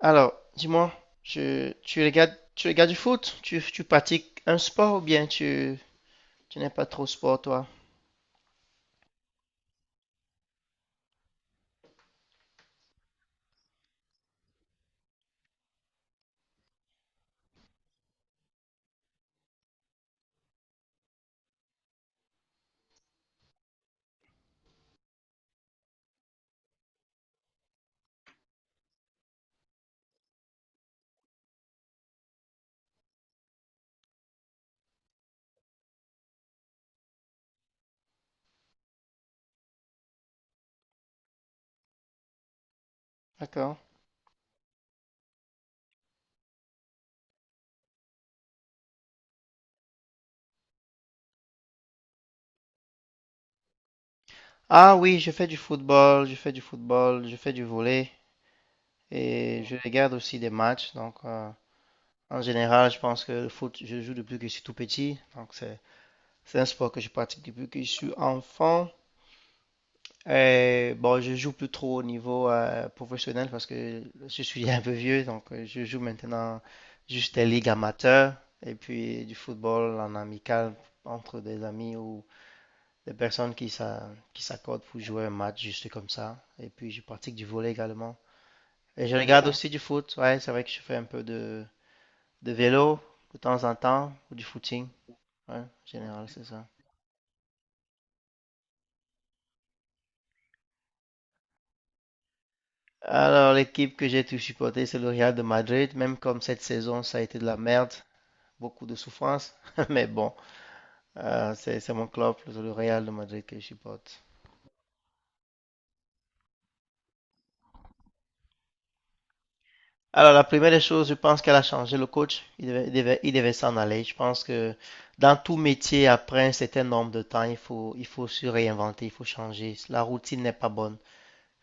Alors, dis-moi, tu regardes du foot? Tu pratiques un sport ou bien tu, tu n'es pas trop sport, toi? D'accord. Ah oui, je fais du football, je fais du football, je fais du volley et je regarde aussi des matchs. Donc, en général, je pense que le foot, je joue depuis que je suis tout petit. Donc, c'est un sport que je pratique depuis que je suis enfant. Bon, je joue plus trop au niveau professionnel parce que je suis un peu vieux, donc je joue maintenant juste des ligues amateurs et puis du football en amical entre des amis ou des qui s'accordent pour jouer un match juste comme ça. Et puis je pratique du volley également. Et je regarde aussi du foot, ouais, c'est vrai que je fais un peu de vélo de temps en temps ou du footing, ouais, en général, c'est ça. Alors, l'équipe que j'ai tout supportée, c'est le Real de Madrid, même comme cette saison, ça a été de la merde. Beaucoup de souffrance, mais bon, c'est mon club, le Real de Madrid que je supporte. Alors, la première des choses, je pense qu'elle a changé le coach. Il devait s'en aller. Je pense que dans tout métier, après un certain nombre de temps, il faut se réinventer, il faut changer. La routine n'est pas bonne.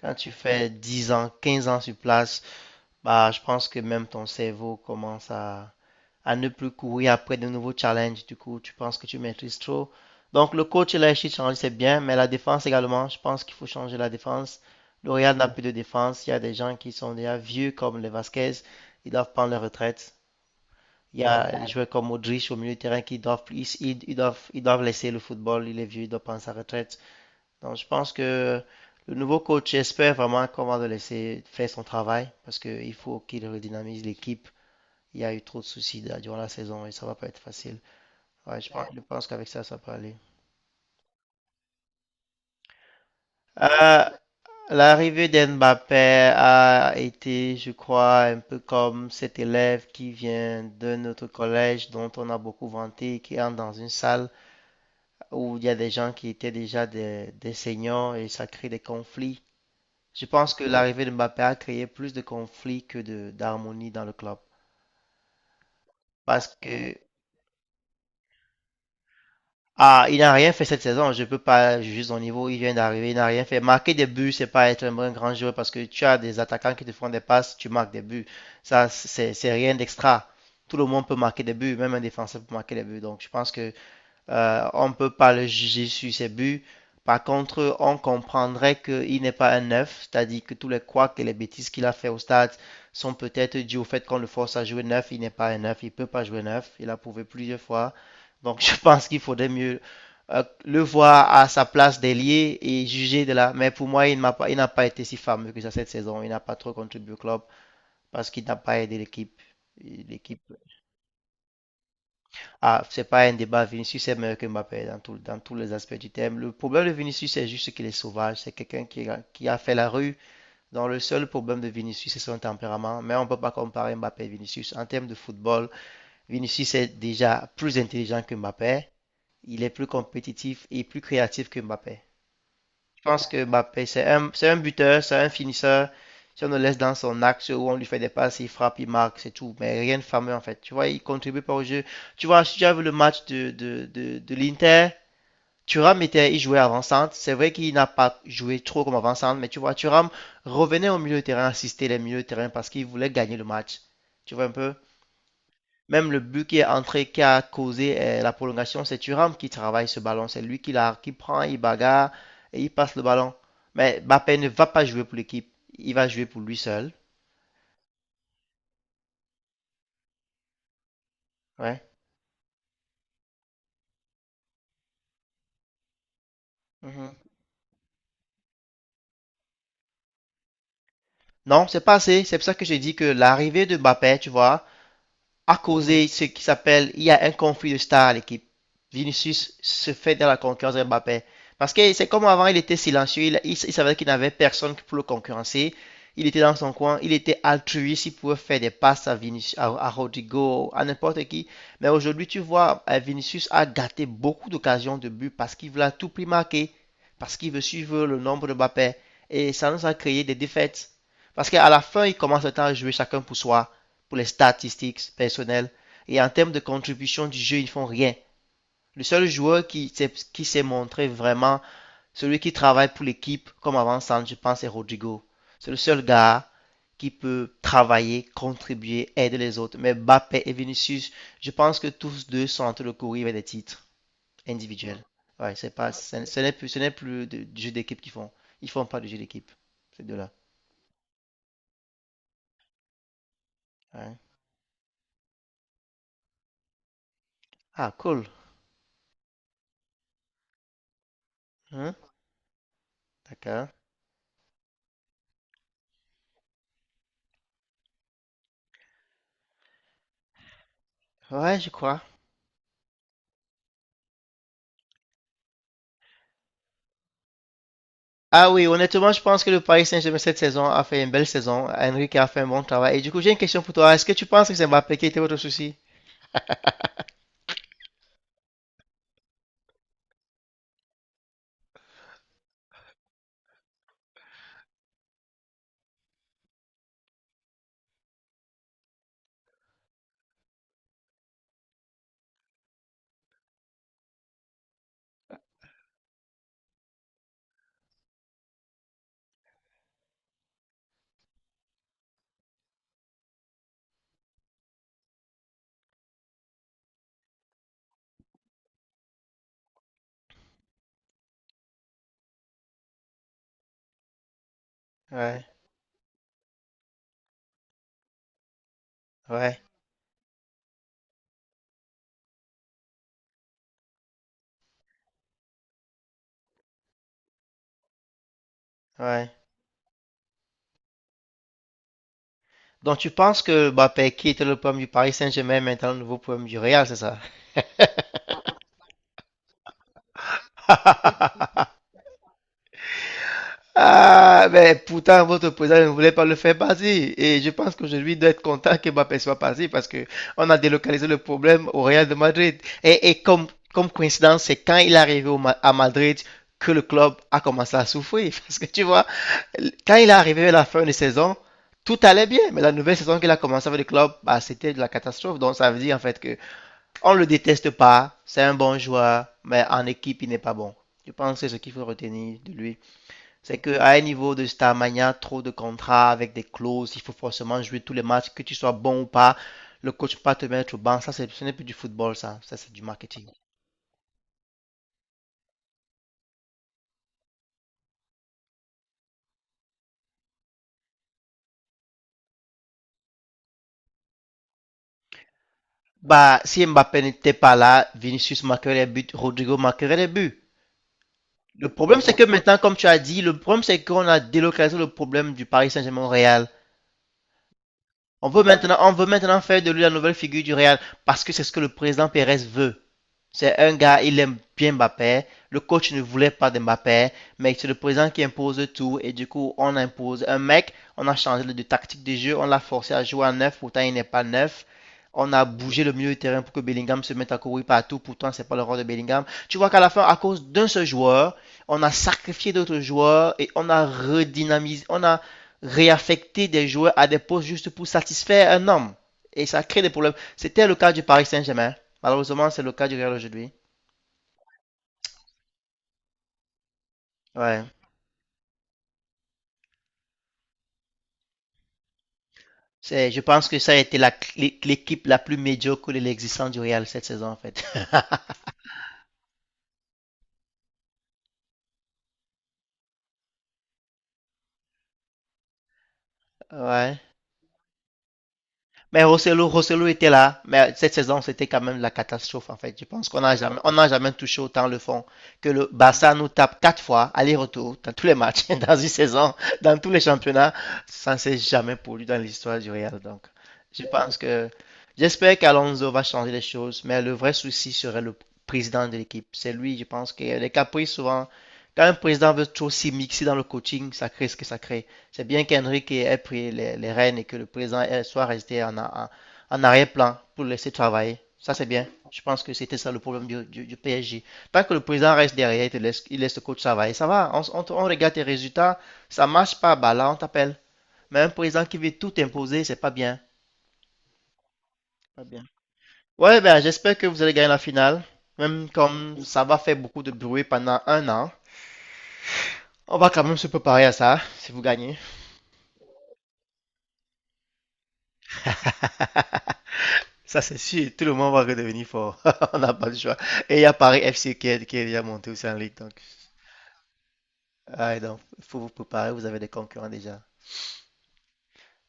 Quand tu fais 10 ans, 15 ans sur place, bah, je pense que même ton cerveau commence à ne plus courir après de nouveaux challenges. Du coup, tu penses que tu maîtrises trop. Donc, le coach, il a réussi de changer, c'est bien, mais la défense également, je pense qu'il faut changer la défense. Le Real n'a plus de défense. Il y a des gens qui sont déjà vieux, comme les Vasquez, ils doivent prendre leur retraite. Il y a des joueurs comme Modric au milieu de terrain qui doivent, ils- ils doivent laisser le football. Il est vieux, il doit prendre sa retraite. Donc, je pense que le nouveau coach espère vraiment qu'on va le laisser faire son travail parce qu'il faut qu'il redynamise l'équipe. Il y a eu trop de soucis là, durant la saison et ça va pas être facile. Ouais, je pense qu'avec ça, ça peut aller. Euh, L'arrivée d'Mbappé a été, je crois, un peu comme cet élève qui vient de notre collège dont on a beaucoup vanté, qui entre dans une salle où il y a des gens qui étaient déjà des seniors et ça crée des conflits. Je pense que l'arrivée d'Mbappé a créé plus de conflits que de d'harmonie dans le club. Parce que ah, il n'a rien fait cette saison. Je peux pas juger son niveau. Il vient d'arriver, il n'a rien fait. Marquer des buts, c'est pas être un bon grand joueur parce que tu as des attaquants qui te font des passes, tu marques des buts. Ça, c'est rien d'extra. Tout le monde peut marquer des buts, même un défenseur peut marquer des buts. Donc, je pense que on ne peut pas le juger sur ses buts. Par contre, on comprendrait qu'il n'est pas un neuf, c'est-à-dire que tous les couacs et les bêtises qu'il a fait au stade sont peut-être dues au fait qu'on le force à jouer neuf. Il n'est pas un neuf, il ne peut pas jouer neuf. Il a prouvé plusieurs fois. Donc, je pense qu'il faudrait mieux le voir à sa place d'ailier et juger de là. Mais pour moi, il n'a pas, pas été si fameux que ça cette saison. Il n'a pas trop contribué au club parce qu'il n'a pas aidé l'équipe. L'équipe ah, c'est pas un débat. Vinicius est meilleur que Mbappé dans tous les aspects du thème. Le problème de Vinicius, c'est juste qu'il est sauvage. C'est quelqu'un qui a fait la rue. Dans le seul problème de Vinicius, c'est son tempérament. Mais on ne peut pas comparer Mbappé et Vinicius. En termes de football, Vinicius est déjà plus intelligent que Mbappé. Il est plus compétitif et plus créatif que Mbappé. Je pense que Mbappé, c'est un buteur, c'est un finisseur. Si on le laisse dans son axe où on lui fait des passes, il frappe, il marque, c'est tout. Mais rien de fameux en fait. Tu vois, il contribue pas au jeu. Tu vois, si tu as vu le match de l'Inter, Thuram était, il jouait avant-centre. C'est vrai qu'il n'a pas joué trop comme avant-centre, mais tu vois, Thuram revenait au milieu de terrain, assistait les milieux de terrain parce qu'il voulait gagner le match. Tu vois un peu? Même le but qui est entré, qui a causé la prolongation, c'est Thuram qui travaille ce ballon. C'est lui qui prend, il bagarre et il passe le ballon. Mais Mbappé ne va pas jouer pour l'équipe. Il va jouer pour lui seul. Ouais. Mhm. Non, c'est pas assez. C'est pour ça que j'ai dit que l'arrivée de Mbappé, tu vois, a causé ce qui s'appelle, il y a un conflit de star à l'équipe. Vinicius se fait dans la concurrence de Mbappé. Parce que c'est comme avant, il était silencieux, il savait qu'il n'avait personne pour le concurrencer. Il était dans son coin, il était altruiste, il pouvait faire des passes Vinicius, à Rodrigo, à n'importe qui. Mais aujourd'hui, tu vois, Vinicius a gâté beaucoup d'occasions de but parce qu'il veut à tout prix marquer, parce qu'il veut suivre le nombre de Mbappé. Et ça nous a créé des défaites. Parce qu'à la fin, il commence le temps à jouer chacun pour soi pour les statistiques personnelles et en termes de contribution du jeu, ils font rien. Le seul joueur qui s'est montré vraiment celui qui travaille pour l'équipe comme avant-centre, je pense, c'est Rodrigo. C'est le seul gars qui peut travailler, contribuer, aider les autres. Mais Mbappé et Vinicius, je pense que tous deux sont entre le courir avec des titres individuels. Ouais, c'est pas, ce ce n'est plus du jeu d'équipe qu'ils font. Ils font pas du jeu d'équipe, ces deux-là. Ouais. Ah, cool. Hein? D'accord. Ouais, je crois. Ah oui, honnêtement, je pense que le Paris Saint-Germain cette saison a fait une belle saison. Henry qui a fait un bon travail. Et du coup, j'ai une question pour toi. Est-ce que tu penses que c'est Mbappé qui était votre souci? Ouais, ouais, ouais. Donc tu penses que Mbappé qui était le problème du Paris Saint-Germain est maintenant le nouveau problème du Real, c'est ça? Ah, mais pourtant, votre président ne voulait pas le faire passer. Et je pense qu'aujourd'hui, il doit être content que Mbappé soit passé parce que on a délocalisé le problème au Real de Madrid. Et comme coïncidence, c'est quand il est arrivé au à Madrid que le club a commencé à souffrir. Parce que tu vois, quand il est arrivé à la fin de saison, tout allait bien. Mais la nouvelle saison qu'il a commencé avec le club, bah, c'était de la catastrophe. Donc, ça veut dire en fait que on le déteste pas. C'est un bon joueur, mais en équipe, il n'est pas bon. Je pense que c'est ce qu'il faut retenir de lui. C'est qu'à un niveau de Starmania, trop de contrats avec des clauses, il faut forcément jouer tous les matchs, que tu sois bon ou pas. Le coach peut pas te mettre au banc. Ce n'est plus du football, ça. Ça, c'est du marketing. Bah, si Mbappé n'était pas là, Vinicius marquerait les buts, Rodrigo marquerait les buts. Le problème, c'est que maintenant, comme tu as dit, le problème, c'est qu'on a délocalisé le problème du Paris Saint-Germain au Real. On veut maintenant faire de lui la nouvelle figure du Real parce que c'est ce que le président Pérez veut. C'est un gars, il aime bien Mbappé. Le coach ne voulait pas de Mbappé, mais c'est le président qui impose tout. Et du coup, on impose un mec, on a changé de tactique de jeu, on l'a forcé à jouer à neuf, pourtant il n'est pas neuf. On a bougé le milieu de terrain pour que Bellingham se mette à courir partout, pourtant c'est pas le rôle de Bellingham. Tu vois qu'à la fin, à cause d'un seul joueur, on a sacrifié d'autres joueurs et on a réaffecté des joueurs à des postes juste pour satisfaire un homme. Et ça crée des problèmes. C'était le cas du Paris Saint-Germain. Malheureusement, c'est le cas du Real aujourd'hui. Ouais. C'est, je pense que ça a été l'équipe la plus médiocre de l'existence du Real cette saison, en fait. Ouais. Mais Rosselló était là, mais cette saison, c'était quand même la catastrophe, en fait. Je pense qu'on n'a jamais, on n'a jamais touché autant le fond que le Barça nous tape 4 fois, aller-retour, dans tous les matchs, dans une saison, dans tous les championnats. Ça ne s'est jamais produit dans l'histoire du Real. Donc, je pense que, j'espère qu'Alonso va changer les choses, mais le vrai souci serait le président de l'équipe. C'est lui, je pense, qui a les caprices souvent. Quand un président veut trop s'y mixer dans le coaching, ça crée ce que ça crée. C'est bien qu'Henrique ait pris les rênes et que le président soit resté en arrière-plan pour laisser travailler. Ça, c'est bien. Je pense que c'était ça le problème du PSG. Tant que le président reste derrière, te laisse, il laisse le coach travailler. Ça va, on regarde tes résultats. Ça marche pas, bah là, on t'appelle. Mais un président qui veut tout imposer, c'est pas bien. Pas bien. Ouais, ben, j'espère que vous allez gagner la finale. Même comme ça va faire beaucoup de bruit pendant un an. On va quand même se préparer à ça, si vous gagnez. Ça, c'est sûr. Tout le monde va redevenir fort. On n'a pas le choix. Et il y a Paris FC qui est déjà monté aussi en Ligue. Donc, ah, donc, il faut vous préparer. Vous avez des concurrents déjà.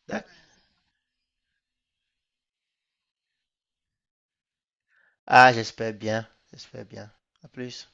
D'accord. Ah, j'espère bien. J'espère bien. À plus.